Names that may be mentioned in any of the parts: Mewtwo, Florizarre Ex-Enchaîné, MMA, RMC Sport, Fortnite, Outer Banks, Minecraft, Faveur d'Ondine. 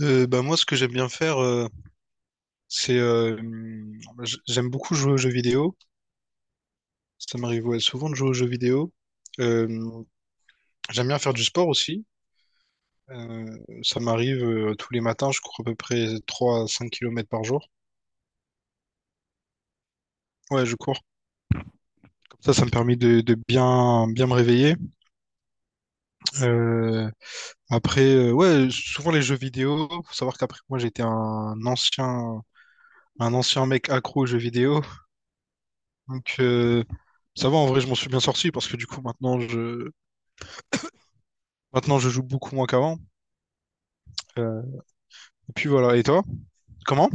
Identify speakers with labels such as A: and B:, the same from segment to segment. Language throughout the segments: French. A: Bah moi, ce que j'aime bien faire, c'est j'aime beaucoup jouer aux jeux vidéo. Ça m'arrive, ouais, souvent de jouer aux jeux vidéo. Euh, J'aime bien faire du sport aussi. Euh, Ça m'arrive tous les matins, je cours à peu près 3 à 5 kilomètres par jour. Ouais, je cours. Comme ça me permet de bien, bien me réveiller. Euh, Après, ouais, souvent les jeux vidéo. Faut savoir qu'après moi, j'étais un ancien mec accro aux jeux vidéo. Donc ça va, en vrai, je m'en suis bien sorti parce que du coup, maintenant, je joue beaucoup moins qu'avant. Euh, et puis voilà. Et toi? Comment?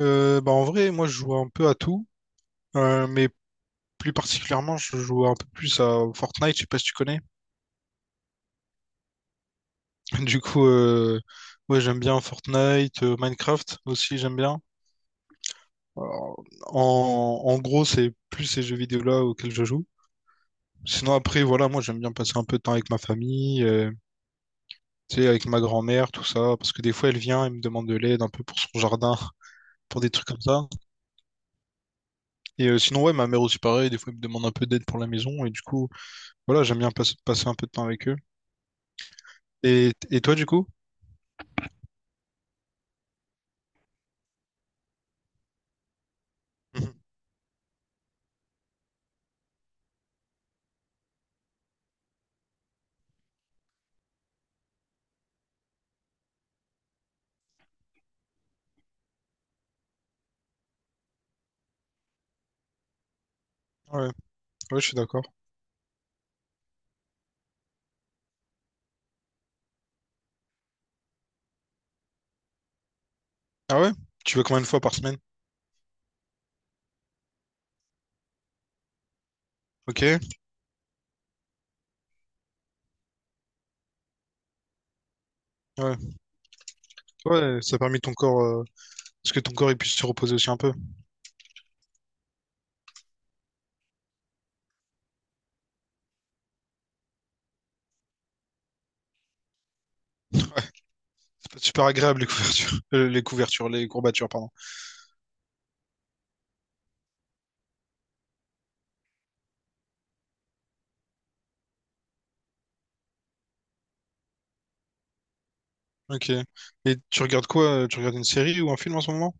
A: Bah en vrai, moi, je joue un peu à tout, mais plus particulièrement, je joue un peu plus à Fortnite. Je sais pas si tu connais. Du coup, ouais, j'aime bien Fortnite, Minecraft aussi, j'aime bien. Alors, en gros, c'est plus ces jeux vidéo-là auxquels je joue. Sinon, après, voilà, moi, j'aime bien passer un peu de temps avec ma famille, tu sais, avec ma grand-mère, tout ça, parce que des fois, elle vient et me demande de l'aide un peu pour son jardin, pour des trucs comme ça. Et sinon, ouais, ma mère aussi pareil, des fois elle me demande un peu d'aide pour la maison, et du coup, voilà, j'aime bien passer un peu de temps avec eux. Et toi, du coup? Mhm. Ouais, ouais, je suis d'accord. Ah ouais? Tu vas combien de fois par semaine? Ok, ouais, ouais, ça a permis ton corps, parce que ton corps il puisse se reposer aussi un peu. C'est pas super agréable les couvertures, les couvertures, les courbatures, pardon. Ok. Et tu regardes quoi? Tu regardes une série ou un film en ce moment?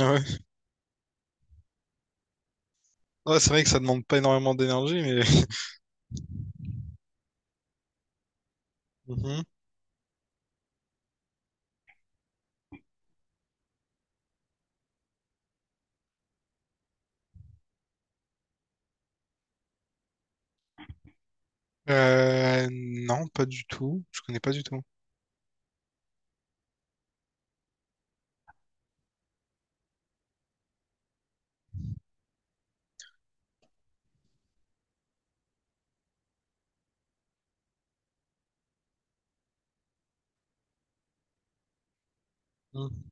A: Ah ouais. Ouais, c'est vrai que ça demande pas énormément d'énergie, mais. Mhm. Euh, non, pas du tout. Je connais pas du tout. Mhm.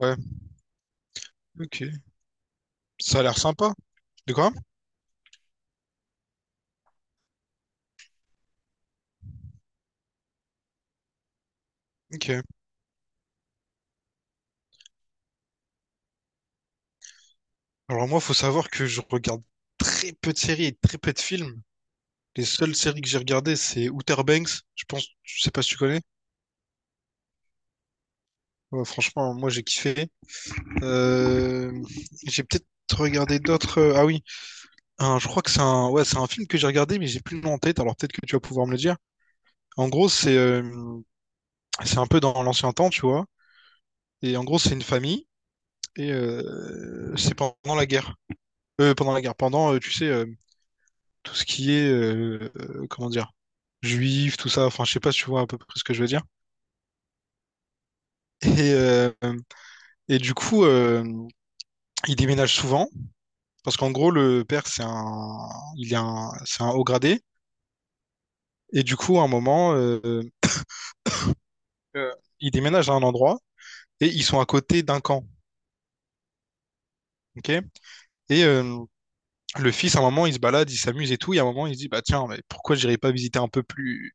A: Ouais. Ok. Ça a l'air sympa. De quoi? Ok. Alors moi, faut savoir que je regarde très peu de séries et très peu de films. Les seules séries que j'ai regardées, c'est Outer Banks. Je pense, je sais pas si tu connais. Ouais, franchement, moi j'ai kiffé. Euh, j'ai peut-être regardé d'autres. Ah oui, je crois que c'est un, ouais, c'est un film que j'ai regardé, mais j'ai plus le nom en tête. Alors peut-être que tu vas pouvoir me le dire. En gros, c'est un peu dans l'ancien temps, tu vois. Et en gros, c'est une famille et c'est pendant la guerre. Pendant la guerre, pendant, tu sais, tout ce qui est, comment dire, juif, tout ça. Enfin, je sais pas si tu vois à peu près ce que je veux dire. Et, euh, et du coup, il déménage souvent parce qu'en gros, le père, c'est un, il est un, c'est un haut gradé. Et du coup, à un moment, euh, il déménage à un endroit et ils sont à côté d'un camp. Ok, et le fils, à un moment, il se balade, il s'amuse et tout. Et à un moment, il se dit, bah tiens, mais pourquoi j'irais pas visiter un peu plus,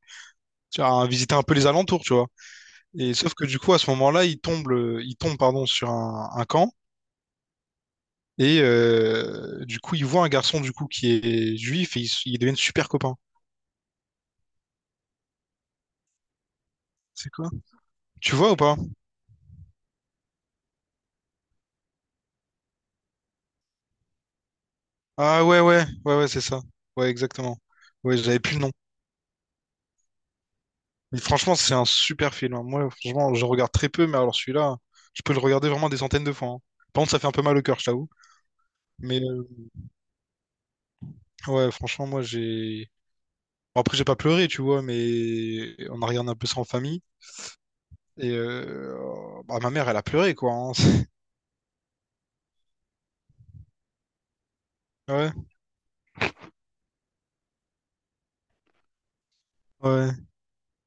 A: tu vois, visiter un peu les alentours, tu vois. Et sauf que du coup, à ce moment-là, il tombe, il tombe, pardon, sur un camp. Et du coup, il voit un garçon du coup qui est juif et ils deviennent super copains. C'est quoi? Tu vois ou pas? Ah, ouais, ouais, ouais, ouais, c'est ça. Ouais, exactement. Ouais, j'avais plus le nom. Mais franchement, c'est un super film, hein. Moi, franchement, je regarde très peu, mais alors celui-là, je peux le regarder vraiment des centaines de fois, hein. Par contre, ça fait un peu mal au cœur, je t'avoue. Mais ouais, franchement, moi j'ai. Bon, après j'ai pas pleuré, tu vois, mais on a regardé un peu ça en famille et bah, ma mère elle a pleuré, quoi, hein. Ouais, ouais,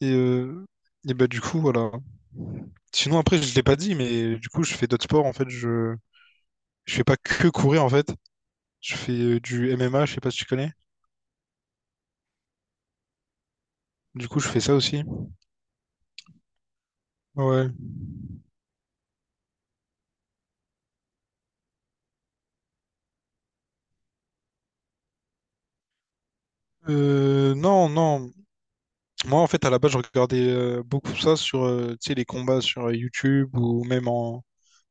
A: et euh, et bah du coup voilà. Sinon, après, je l'ai pas dit, mais du coup, je fais d'autres sports. En fait, je fais pas que courir. En fait, je fais du MMA. Je sais pas si tu connais. Du coup, je fais ça aussi. Ouais. Non, non. Moi, en fait, à la base, je regardais beaucoup ça sur, tu sais, les combats sur YouTube ou même en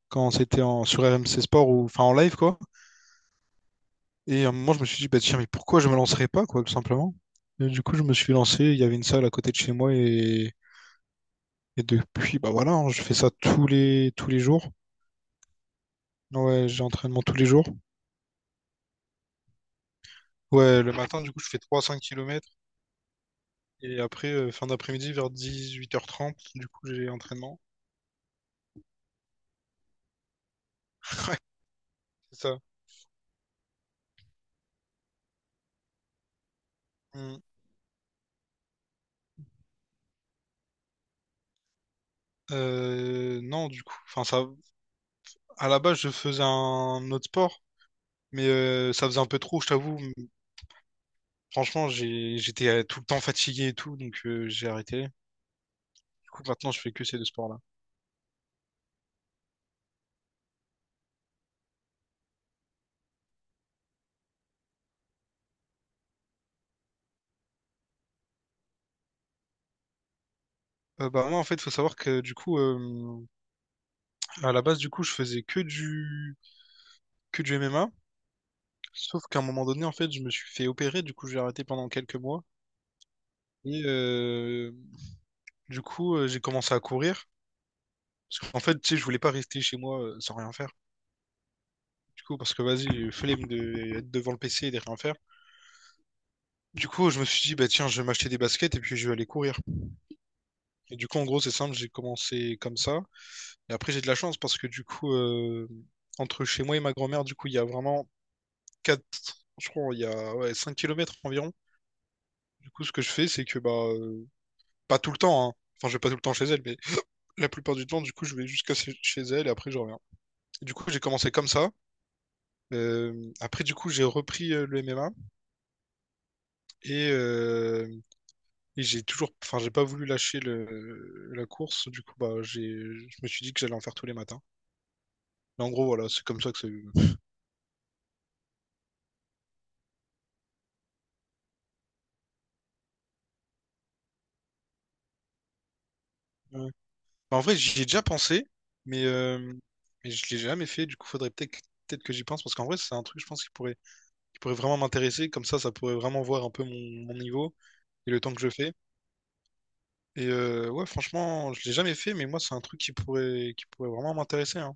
A: quand c'était en sur RMC Sport ou enfin en live, quoi. Et à un moment, je me suis dit, bah tiens, mais pourquoi je me lancerais pas, quoi, tout simplement. Et du coup, je me suis lancé. Il y avait une salle à côté de chez moi, et depuis, bah voilà, hein, je fais ça tous les jours. Ouais, j'ai entraînement tous les jours. Ouais, le matin, du coup, je fais 3 cinq kilomètres. Et après, fin d'après-midi, vers 18h30 du coup, j'ai entraînement. C'est ça. Mm. Non, du coup, enfin, ça, à la base, je faisais un autre sport, mais ça faisait un peu trop, je t'avoue. Franchement, j'étais tout le temps fatigué et tout, donc j'ai arrêté. Du coup, maintenant, je fais que ces deux sports-là. Bah, moi, en fait, faut savoir que, du coup, à la base, du coup, je faisais que du MMA. Sauf qu'à un moment donné, en fait, je me suis fait opérer, du coup, j'ai arrêté pendant quelques mois. Et, euh, Du coup, j'ai commencé à courir. Parce qu'en fait, tu sais, je voulais pas rester chez moi sans rien faire. Du coup, parce que vas-y, flemme de être devant le PC et de rien faire. Du coup, je me suis dit, bah tiens, je vais m'acheter des baskets et puis je vais aller courir. Et du coup, en gros, c'est simple, j'ai commencé comme ça. Et après, j'ai de la chance parce que du coup, entre chez moi et ma grand-mère, du coup, il y a vraiment 4, je crois, il y a ouais, 5 km environ. Du coup, ce que je fais, c'est que, bah, pas tout le temps, hein. Enfin, je vais pas tout le temps chez elle, mais la plupart du temps, du coup, je vais jusqu'à chez elle et après, je reviens. Et du coup, j'ai commencé comme ça. Après, du coup, j'ai repris le MMA et, euh, et j'ai toujours, enfin, j'ai pas voulu lâcher la course. Du coup, bah, je me suis dit que j'allais en faire tous les matins. Mais en gros, voilà, c'est comme ça que ça. Ouais. Bah, en vrai, j'y ai déjà pensé, mais, euh, mais je l'ai jamais fait. Du coup, faudrait peut-être que j'y pense parce qu'en vrai, c'est un truc, je pense, qui pourrait vraiment m'intéresser. Comme ça pourrait vraiment voir un peu mon niveau et le temps que je fais. Et ouais, franchement, je l'ai jamais fait, mais moi, c'est un truc qui pourrait vraiment m'intéresser, hein.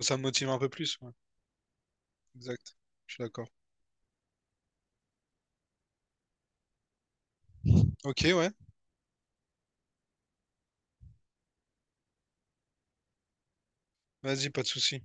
A: Ça me motive un peu plus, ouais. Exact. Je suis d'accord. Ok, ouais. Vas-y, pas de souci.